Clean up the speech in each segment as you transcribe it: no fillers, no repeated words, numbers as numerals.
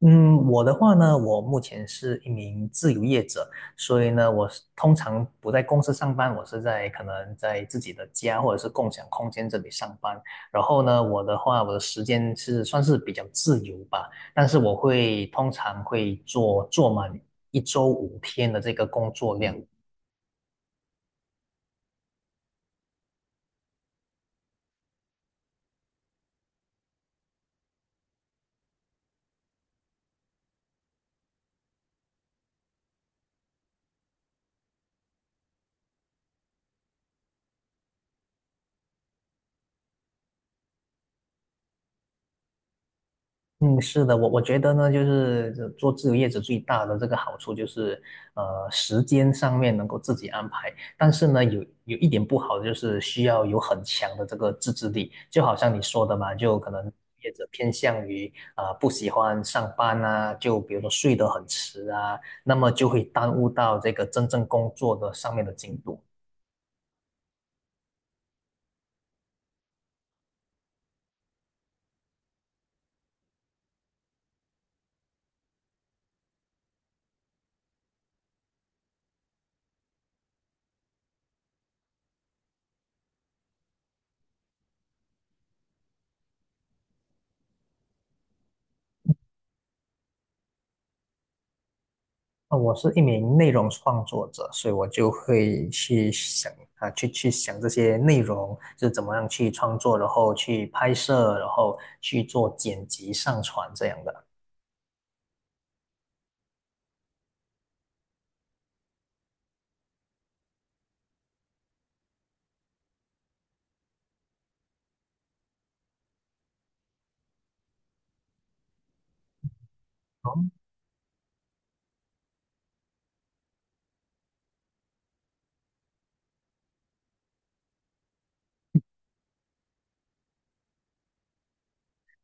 嗯，我的话呢，我目前是一名自由业者，所以呢，我是通常不在公司上班，我是在可能在自己的家或者是共享空间这里上班。然后呢，我的话，我的时间是算是比较自由吧，但是我会通常会做满一周5天的这个工作量。嗯，是的，我觉得呢，就是这做自由业者最大的这个好处就是，时间上面能够自己安排，但是呢，有一点不好的就是需要有很强的这个自制力，就好像你说的嘛，就可能业者偏向于不喜欢上班啊，就比如说睡得很迟啊，那么就会耽误到这个真正工作的上面的进度。我是一名内容创作者，所以我就会去想啊，去想这些内容，就是怎么样去创作，然后去拍摄，然后去做剪辑、上传这样的。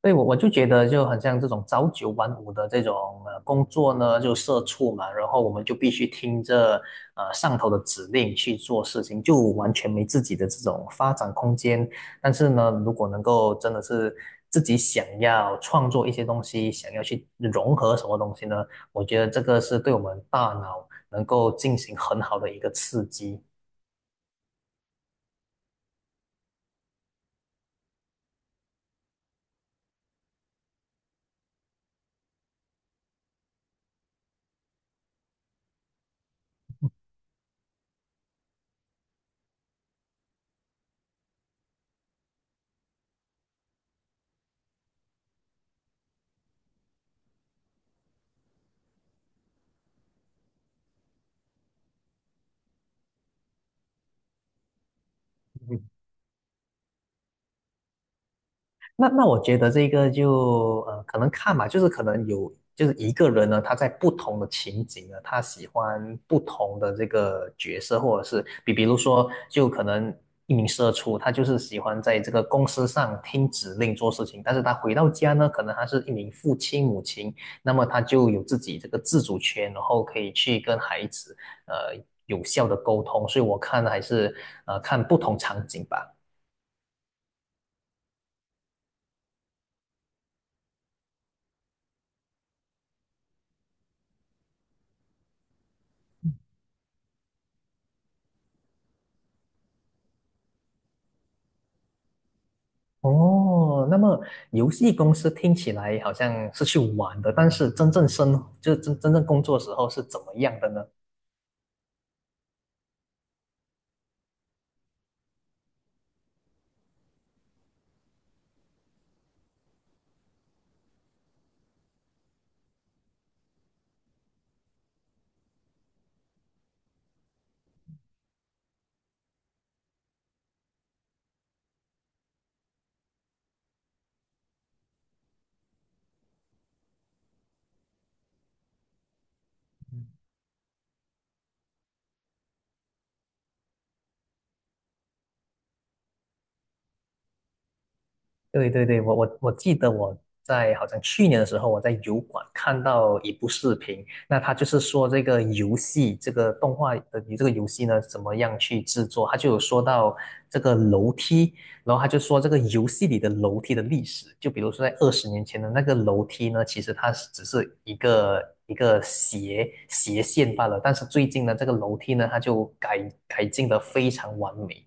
对，我就觉得就很像这种朝九晚五的这种工作呢，就社畜嘛，然后我们就必须听着上头的指令去做事情，就完全没自己的这种发展空间。但是呢，如果能够真的是自己想要创作一些东西，想要去融合什么东西呢？我觉得这个是对我们大脑能够进行很好的一个刺激。那我觉得这个就可能看吧，就是可能有，就是一个人呢，他在不同的情景呢，他喜欢不同的这个角色，或者是比如说，就可能一名社畜，他就是喜欢在这个公司上听指令做事情，但是他回到家呢，可能他是一名父亲母亲，那么他就有自己这个自主权，然后可以去跟孩子呃有效的沟通，所以我看还是看不同场景吧。哦，那么游戏公司听起来好像是去玩的，但是真正生，就是真正工作时候是怎么样的呢？对对对，我记得我在好像去年的时候，我在油管看到一部视频，那他就是说这个游戏，这个动画的这个游戏呢，怎么样去制作？他就有说到这个楼梯，然后他就说这个游戏里的楼梯的历史，就比如说在20年前的那个楼梯呢，其实它是只是一个一个斜线罢了，但是最近呢，这个楼梯呢，它就改进的非常完美。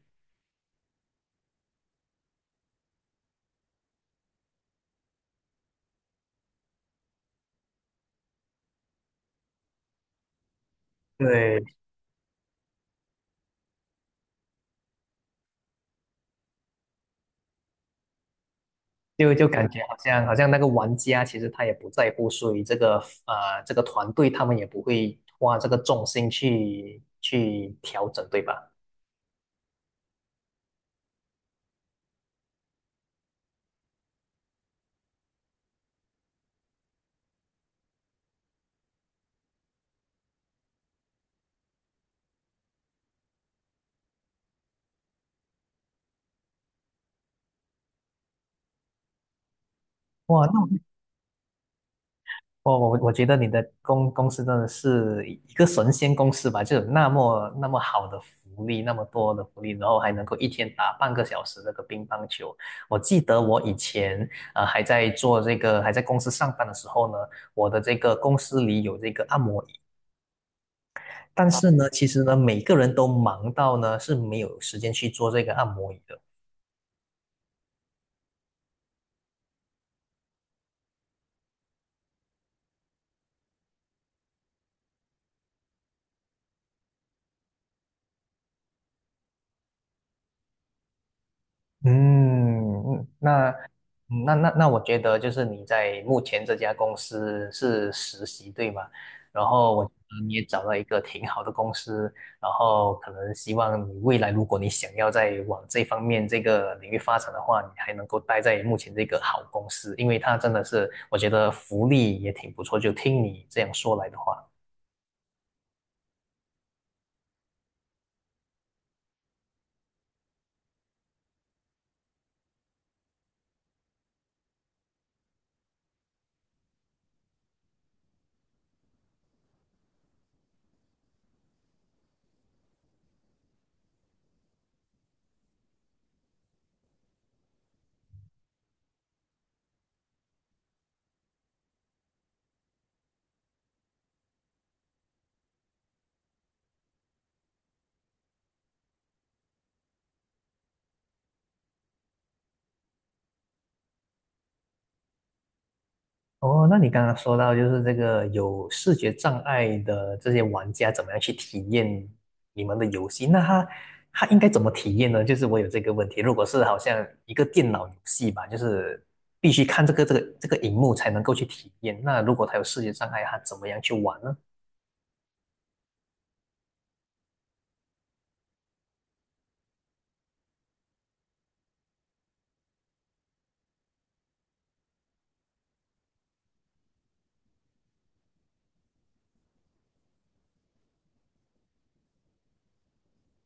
对，就感觉好像那个玩家其实他也不在乎输赢，这个团队他们也不会花这个重心去调整，对吧？哇，那我觉得你的公司真的是一个神仙公司吧，就有那么那么好的福利，那么多的福利，然后还能够一天打半个小时这个乒乓球。我记得我以前还在做这个还在公司上班的时候呢，我的这个公司里有这个按摩椅。但是呢，其实呢，每个人都忙到呢是没有时间去做这个按摩椅的。嗯，那我觉得就是你在目前这家公司是实习，对吗？然后我觉得你也找到一个挺好的公司，然后可能希望你未来如果你想要再往这方面这个领域发展的话，你还能够待在目前这个好公司，因为它真的是我觉得福利也挺不错，就听你这样说来的话。哦，那你刚刚说到就是这个有视觉障碍的这些玩家怎么样去体验你们的游戏？那他应该怎么体验呢？就是我有这个问题，如果是好像一个电脑游戏吧，就是必须看这个荧幕才能够去体验。那如果他有视觉障碍，他怎么样去玩呢？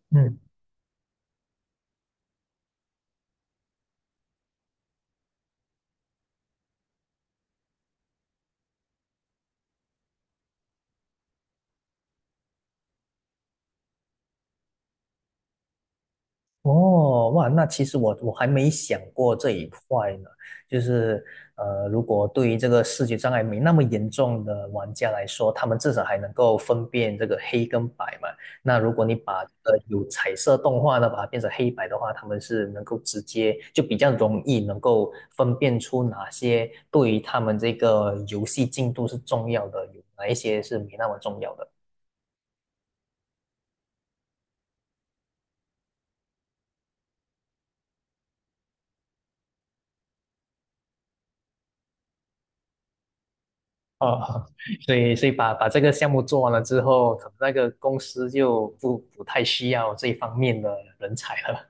嗯。哦，哇，那其实我还没想过这一块呢，就是如果对于这个视觉障碍没那么严重的玩家来说，他们至少还能够分辨这个黑跟白嘛。那如果你把有彩色动画的把它变成黑白的话，他们是能够直接就比较容易能够分辨出哪些对于他们这个游戏进度是重要的，有哪一些是没那么重要的。哦，所以把这个项目做完了之后，可能那个公司就不太需要这一方面的人才了。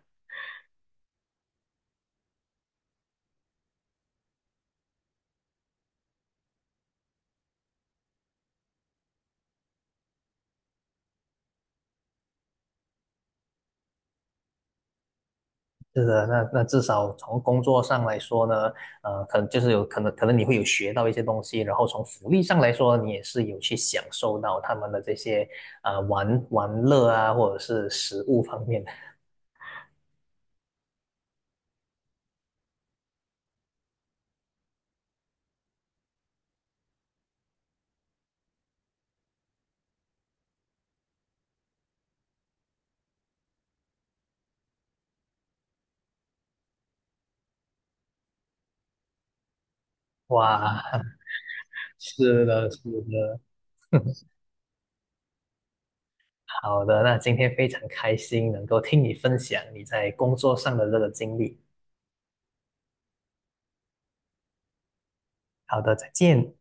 是的，那至少从工作上来说呢，可能就是有可能你会有学到一些东西，然后从福利上来说，你也是有去享受到他们的这些玩乐啊，或者是食物方面的。哇，是的，是的。好的，那今天非常开心能够听你分享你在工作上的这个经历。好的，再见。